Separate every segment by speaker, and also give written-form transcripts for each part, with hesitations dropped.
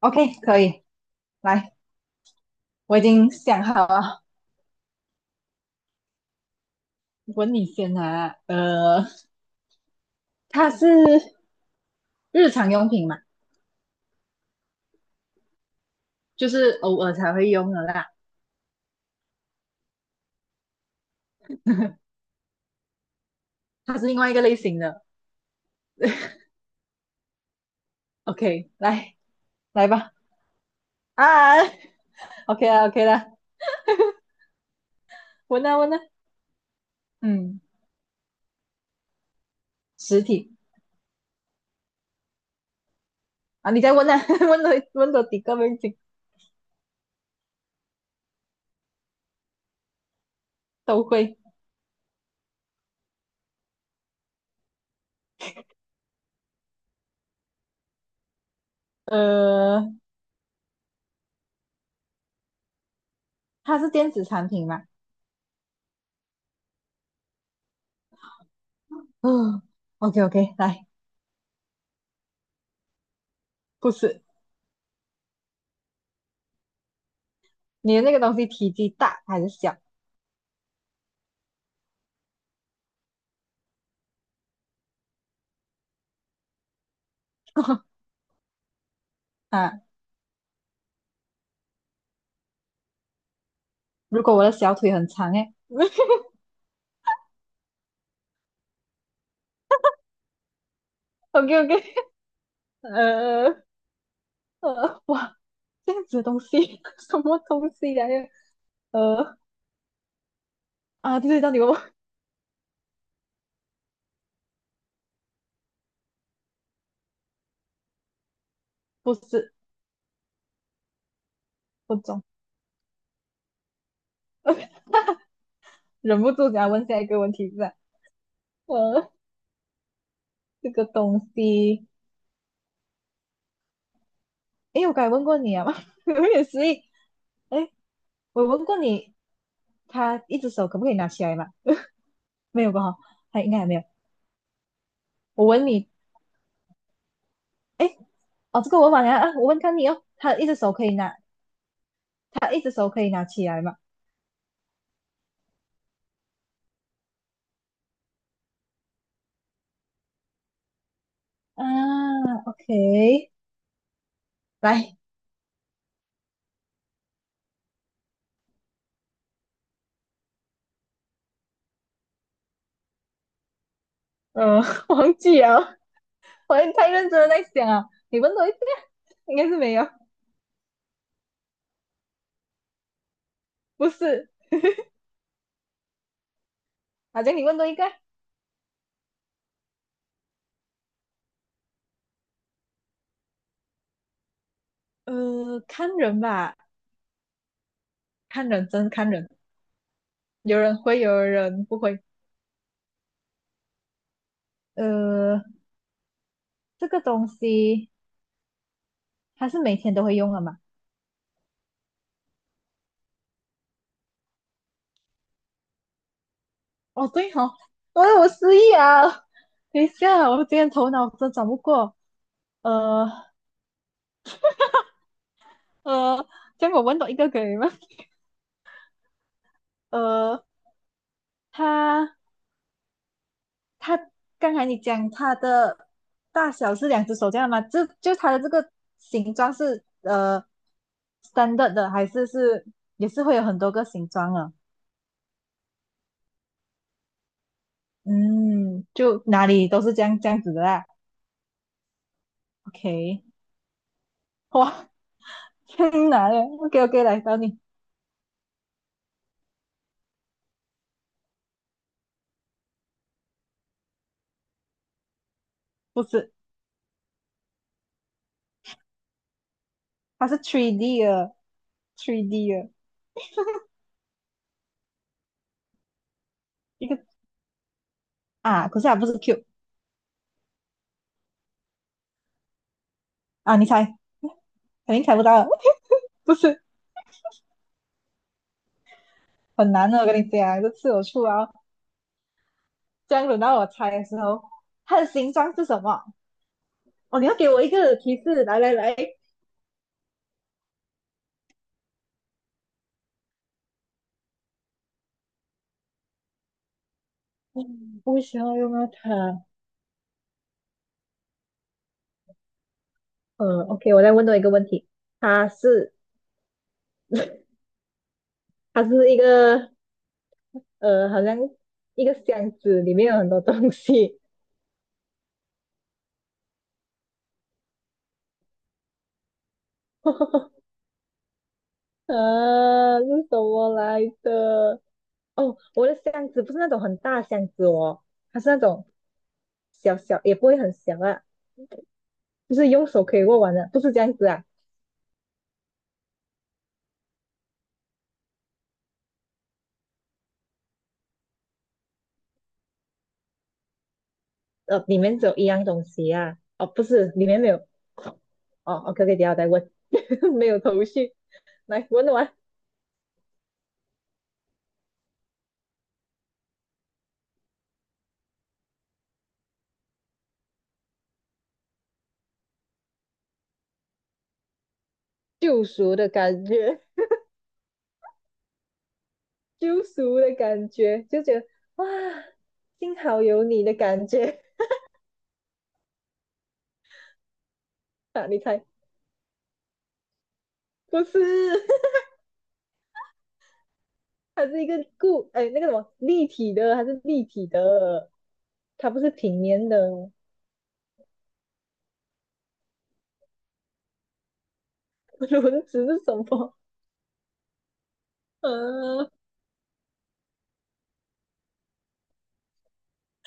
Speaker 1: OK，可以，来，我已经想好了，问你先啊。它是日常用品嘛？就是偶尔才会用的啦。它是另外一个类型的。OK，来，来吧。啊，OK 啦，OK 啦，问啊问啊，嗯，实体啊，你再问啊，问多几个问题都会。呃，它是电子产品嘛？嗯，OK OK，来，不是，你的那个东西体积大还是小？啊，如果我的小腿很长哎。 ，OK OK，呃，哇，这样子的东西，什么东西呀、呃啊，对对，到底我不是不懂，忍不住想要问下一个问题是吧？呃，这个东西，诶，我刚才问过你啊吗？有点失忆。诶，我问过你，他一只手可不可以拿起来嘛？没有吧？哈，他应该还没有。我问你，诶，哦，这个我问完啊，啊我问看你哦，他一只手可以拿，他一只手可以拿起来吗？啊，OK。来，呃，忘记了，我也太认真的在想啊。你问多一个，应该是没有，不是。好像你问多一个，呃，看人吧，看人，真是看人，有人会，有人不会。呃，这个东西它是每天都会用的嘛？哦，对哦，哎我有失忆啊。等一下，我今天头脑真转不过。呃呃，这样我问到一个可以吗？呃，它它刚才你讲它的大小是两只手这样吗？就它的这个形状是standard 的，还是也是会有很多个形状啊？嗯，就哪里都是这样子的啦。OK，哇，天哪嘞！OK OK，来找你，不是，它是 3D 的，3D 的一个啊，可是它不是 Q 啊，你猜，肯定猜不到了，不是很难的，我跟你讲，这次我出啊，这样轮到我猜的时候，它的形状是什么？哦，你要给我一个提示，来来来，嗯，不需要用到它。嗯，OK，我再问多一个问题，它是它是一个呃，好像一个箱子里面有很多东西。呃，是什么来的？哦，我的箱子不是那种很大的箱子哦，它是那种小小，也不会很小啊，就是用手可以握完的，不是这样子啊。呃，里面只有一样东西啊。哦，不是，里面没有。哦哦，OK，OK，、等一下我再问，没有头绪。来，问完救赎的感觉，救赎的感觉，就觉得哇，幸好有你的感觉。 啊！你猜，不是，它是一个固，哎，那个什么立体的，它是立体的，它不是平面的。轮子是什么？呃，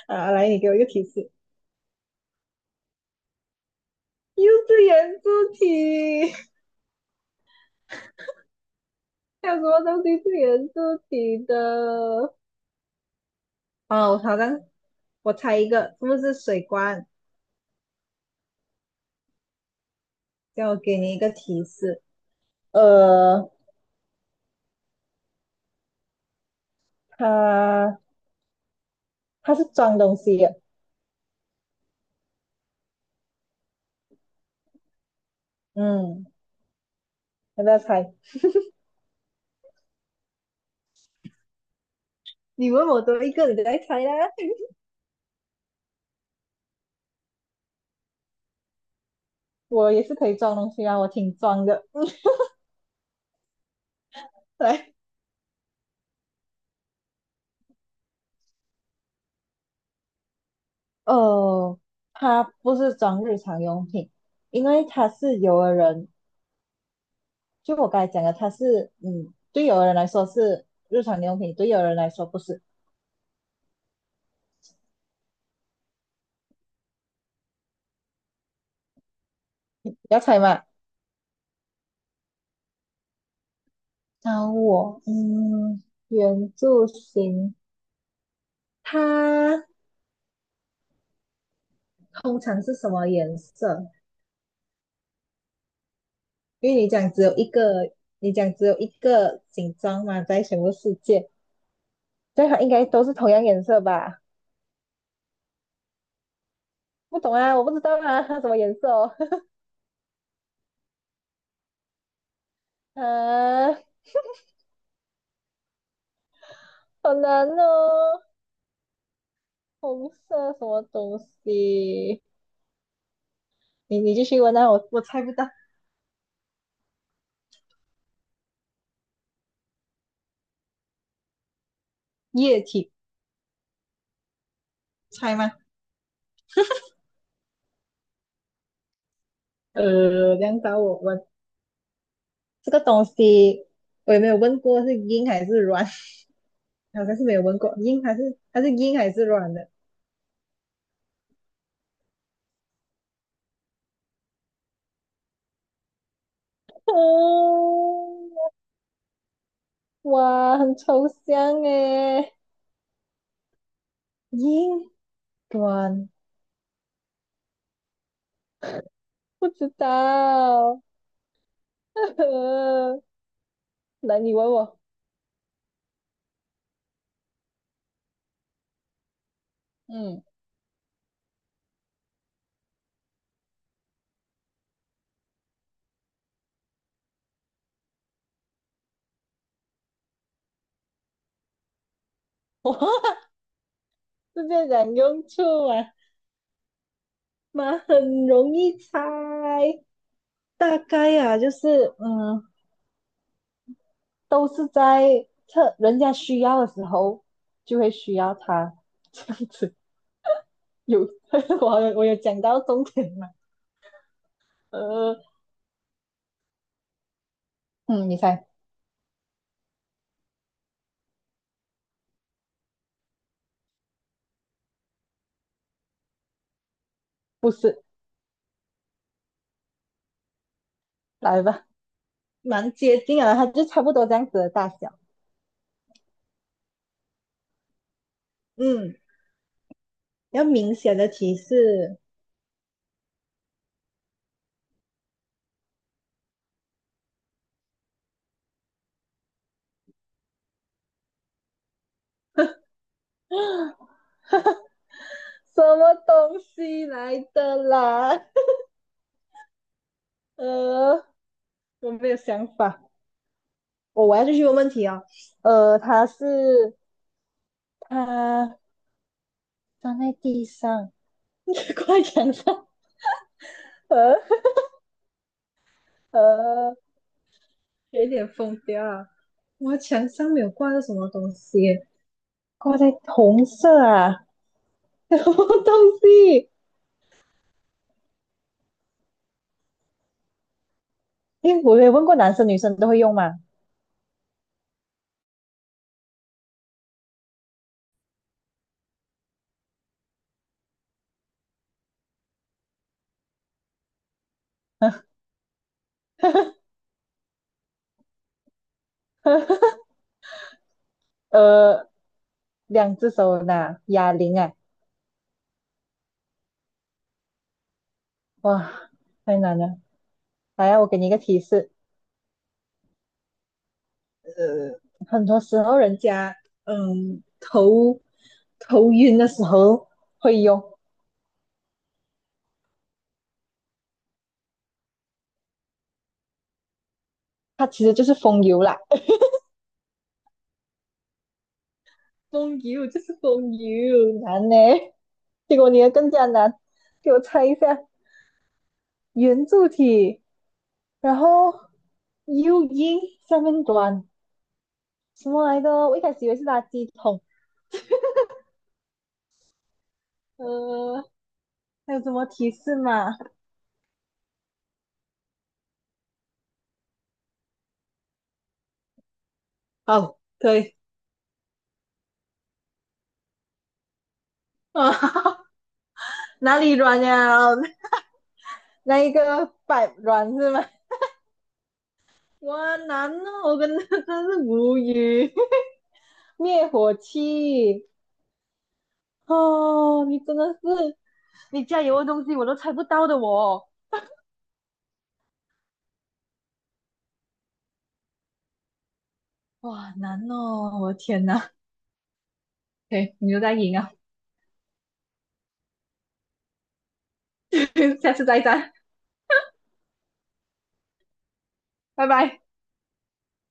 Speaker 1: 啊，来，你给我一个提示，又是圆柱体。还有什么东西是圆柱体的？哦，好像我猜一个，是不是水罐？叫我给你一个提示。呃，它它是装东西的，嗯，要不要猜？你问我多一个，你再猜啦。我也是可以装东西啊，我挺装的。对，哦，它不是装日常用品，因为它是有的人，就我刚才讲的，它是嗯，对有的人来说是日常用品，对有的人来说不是。你要猜吗？找我，嗯，圆柱形，它通常是什么颜色？因为你讲只有一个，你讲只有一个形状嘛，在全部世界，所以它应该都是同样颜色吧？不懂啊，我不知道啊，它什么颜色哦？啊，好难哦，红色什么东西？你继续问啊，我猜不到，液体猜吗？呃，这样找我问这个东西，我也没有问过是硬还是软。好像是没有问过硬还是软的？哦，哇，很抽象诶，硬软，不知道。来，你问我，嗯，直接讲用处啊，妈很容易猜，大概啊，就是嗯，都是在特人家需要的时候就会需要它，这样子有，我有讲到重点吗？呃，嗯，你猜。不是，来吧，蛮接近啊，它就差不多这样子的大小。嗯，要明显的提示。什么东西来的啦？呃，我没有想法。我、哦我要继续问问题啊。哦，呃，它放在地上，挂在墙上。呃呃，有点疯掉啊！我墙上没有挂着什么东西，挂在红色啊，什么东西？诶，我没有问过男生女生都会用吗？呃，两只手拿哑铃啊，哇，太难了。来啊，我给你一个提示，呃，很多时候人家嗯头头晕的时候会用，它其实就是风油啦。风油就是风油，难呢。结果你的更加难，给我猜一下，圆柱体，然后 U 音下面短，什么来的？我一开始以为是垃圾桶。呃，还有什么提示吗？哦，可以，啊，哪里软呀？那一个百软是吗？哇，难哦，我跟他真是无语。灭火器，哦，你真的是，你加油的东西我都猜不到的我，哇，难哦，我的天哪。对，你又在赢啊，下次再战，拜拜。